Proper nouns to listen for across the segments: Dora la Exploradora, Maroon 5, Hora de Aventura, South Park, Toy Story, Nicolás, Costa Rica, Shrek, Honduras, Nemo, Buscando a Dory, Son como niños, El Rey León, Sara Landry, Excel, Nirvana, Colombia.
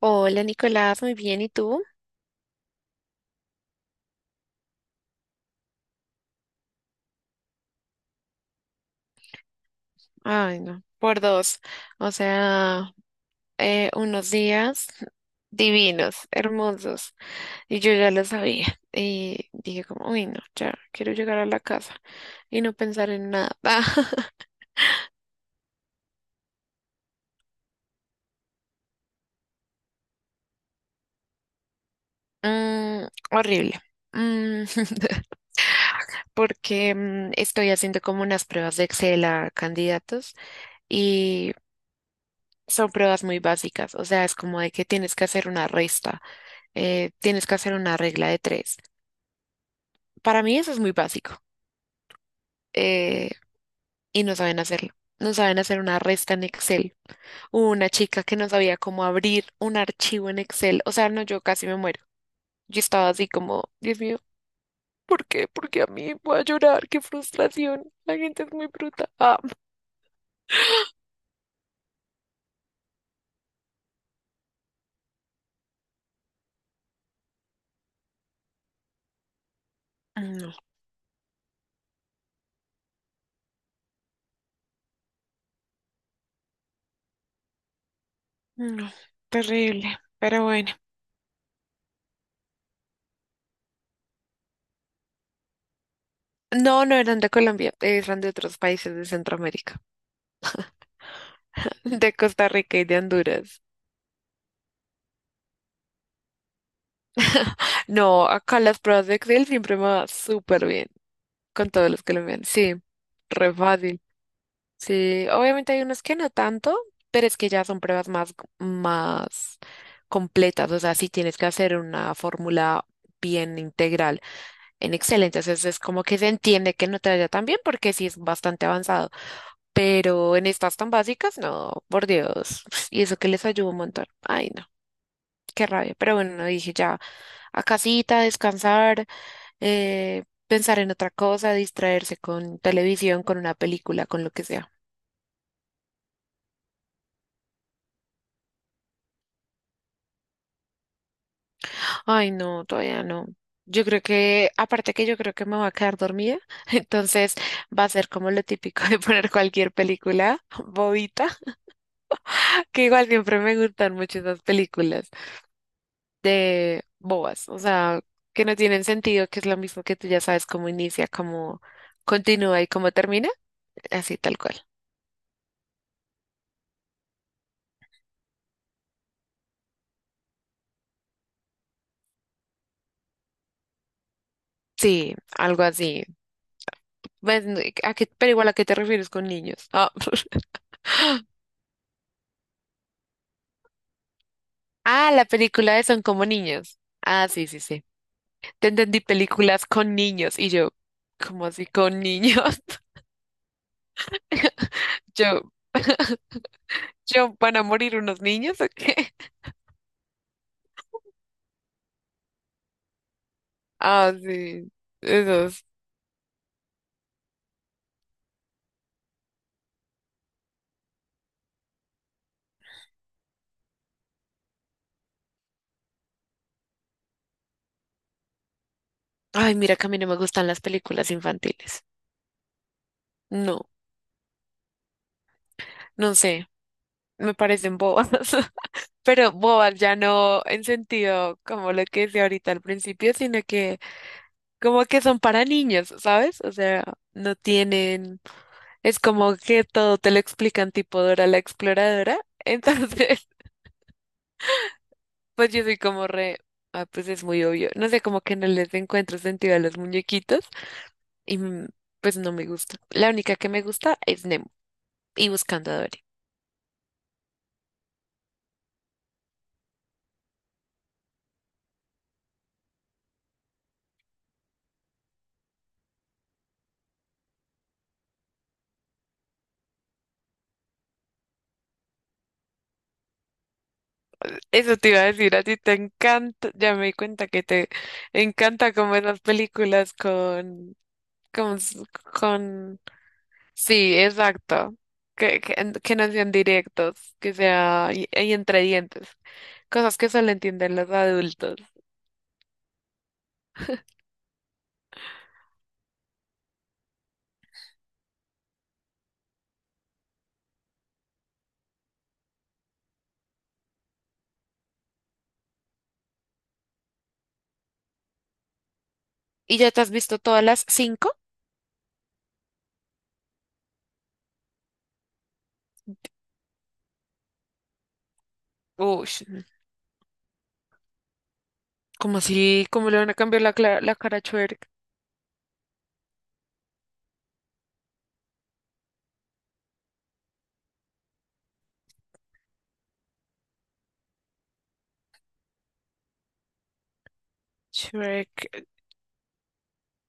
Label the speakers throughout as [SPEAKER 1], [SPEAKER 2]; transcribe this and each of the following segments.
[SPEAKER 1] Hola Nicolás, muy bien, ¿y tú? Ay, no, por dos. O sea, unos días divinos, hermosos. Y yo ya lo sabía. Y dije como, uy, no, ya quiero llegar a la casa y no pensar en nada. Mm, horrible. Mm, porque estoy haciendo como unas pruebas de Excel a candidatos y son pruebas muy básicas. O sea, es como de que tienes que hacer una resta, tienes que hacer una regla de tres. Para mí eso es muy básico, eh, y no saben hacerlo. No saben hacer una resta en Excel. Hubo una chica que no sabía cómo abrir un archivo en Excel. O sea, no, yo casi me muero. Yo estaba así como, Dios mío, ¿por qué? ¿Por qué a mí? Voy a llorar, qué frustración. La gente es muy bruta. Ah, no, no, terrible. Pero bueno. No, no eran de Colombia, eran de otros países de Centroamérica, de Costa Rica y de Honduras. No, acá las pruebas de Excel siempre me va súper bien. Con todos los colombianos. Sí, re fácil. Sí, obviamente hay unos que no tanto, pero es que ya son pruebas más, más completas. O sea, si tienes que hacer una fórmula bien integral en Excel, entonces es como que se entiende que no te vaya tan bien porque sí es bastante avanzado. Pero en estas tan básicas, no, por Dios. Y eso que les ayuda un montón. Ay, no, qué rabia. Pero bueno, dije ya a casita, descansar, pensar en otra cosa, distraerse con televisión, con una película, con lo que sea. Ay, no, todavía no. Yo creo que, aparte que yo creo que me voy a quedar dormida, entonces va a ser como lo típico de poner cualquier película bobita, que igual siempre me gustan mucho esas películas de bobas, o sea, que no tienen sentido, que es lo mismo que tú ya sabes cómo inicia, cómo continúa y cómo termina, así tal cual. Sí, algo así. Pues, no, ¿a qué-? Pero igual, ¿a qué te refieres con niños? Ah, ah, la película de Son como niños. Ah, sí, sí, sí. Te entendí películas con niños y yo, ¿cómo así con niños? Yo, yo, ¿van a morir unos niños o qué? Ah, sí, esos. Ay, mira que a mí no me gustan las películas infantiles. No, no sé, me parecen bobas. Pero bobas ya no en sentido como lo que decía ahorita al principio, sino que como que son para niños, ¿sabes? O sea, no tienen, es como que todo te lo explican tipo Dora la Exploradora. Entonces, pues yo soy como re, ah, pues es muy obvio. No sé, como que no les encuentro sentido a los muñequitos y pues no me gusta. La única que me gusta es Nemo y Buscando a Dory. Eso te iba a decir, a ti te encanta, ya me di cuenta que te encanta como esas películas con, con, s- con Sí, exacto. Que, que, que no sean directos, que sea y entre dientes. Cosas que solo entienden los adultos. ¿Y ya te has visto todas las cinco? Uy, ¿cómo así? ¿Cómo le van a cambiar la, cla- la cara a Shrek? Shrek,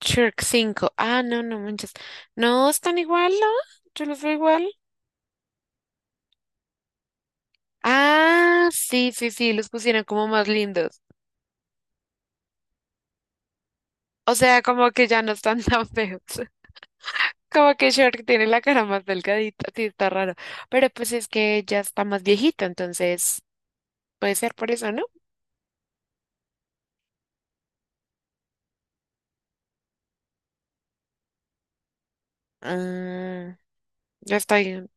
[SPEAKER 1] Shrek 5. Ah, no, no manches. No, están igual, ¿no? Yo los veo igual. Ah, sí, sí, sí, los pusieron como más lindos. O sea, como que ya no están tan feos. Como que Shark tiene la cara más delgadita, sí, está raro. Pero pues es que ya está más viejito, entonces puede ser por eso, ¿no? Mm, ya está bien.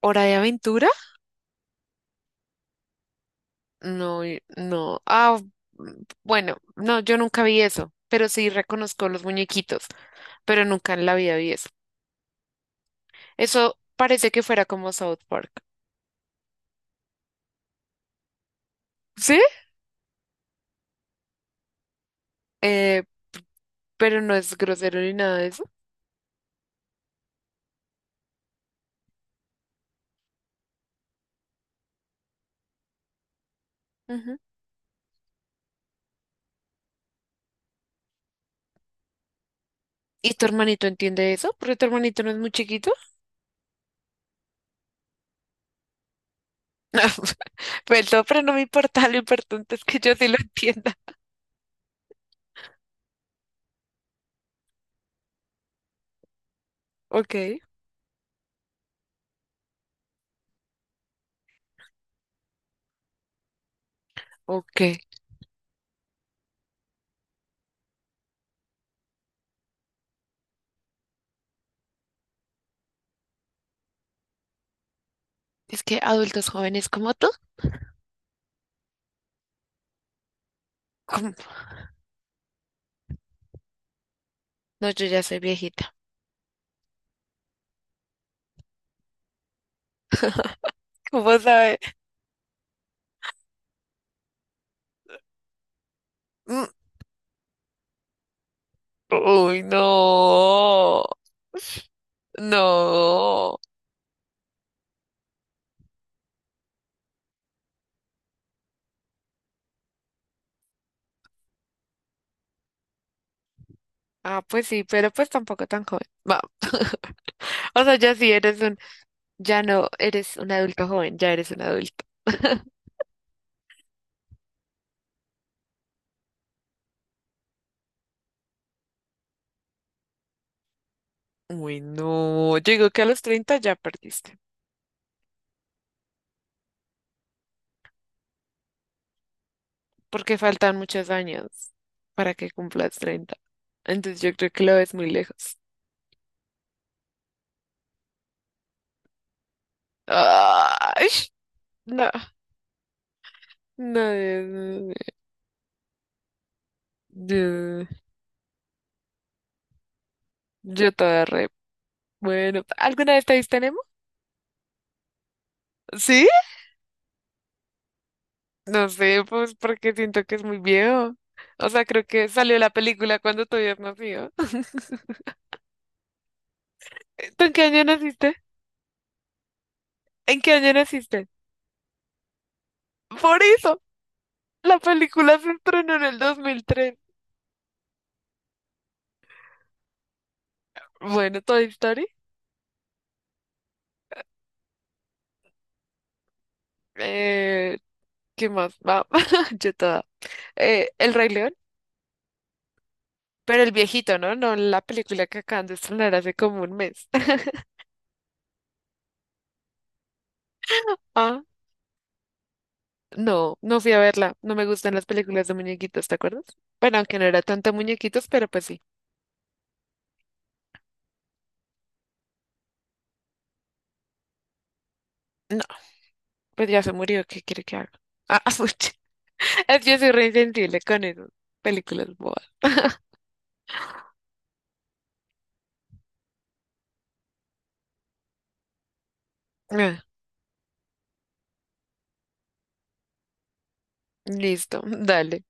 [SPEAKER 1] Hora de Aventura. No, y- no. Ah, bueno, no, yo nunca vi eso, pero sí reconozco los muñequitos, pero nunca en la vida vi eso. Eso parece que fuera como South Park. ¿Sí? Eh, pero no es grosero ni nada de eso. Ujú. ¿Y tu hermanito entiende eso? Porque tu hermanito no es muy chiquito. Perdón, pero no me importa, lo importante es que yo sí lo entienda. Ok, ok. Es que adultos jóvenes como tú, ¿cómo? No, yo ya soy viejita. ¿Cómo sabes? Mm, uy, no, no. Ah, pues sí, pero pues tampoco tan joven. Va. O sea, ya sí eres un, ya no eres un adulto joven, ya eres un adulto. Uy, no, yo digo que a los 30 ya perdiste, porque faltan muchos años para que cumplas 30. Entonces yo creo que lo ves muy lejos. Ay, no, no, Dios mío. Yo, yo toda re. Bueno, ¿alguna vez te viste Nemo? ¿Sí? No sé, pues porque siento que es muy viejo. O sea, creo que salió la película cuando tú habías nacido. ¿Tú en qué año naciste? ¿En qué año naciste? Por eso, la película se estrenó en el 2003. Bueno, Toy Story. ¿Qué más? Va, yo toda. El Rey León, pero el viejito, ¿no? No la película que acaban de estrenar hace como un mes. Ah, no, no fui a verla. No me gustan las películas de muñequitos, ¿te acuerdas? Bueno, aunque no era tanto muñequitos, pero pues sí. No, pues ya se murió, ¿qué quiere que haga? Ah, pucha. Es que yo soy re insensible con esas películas bobas. Ah, listo, dale.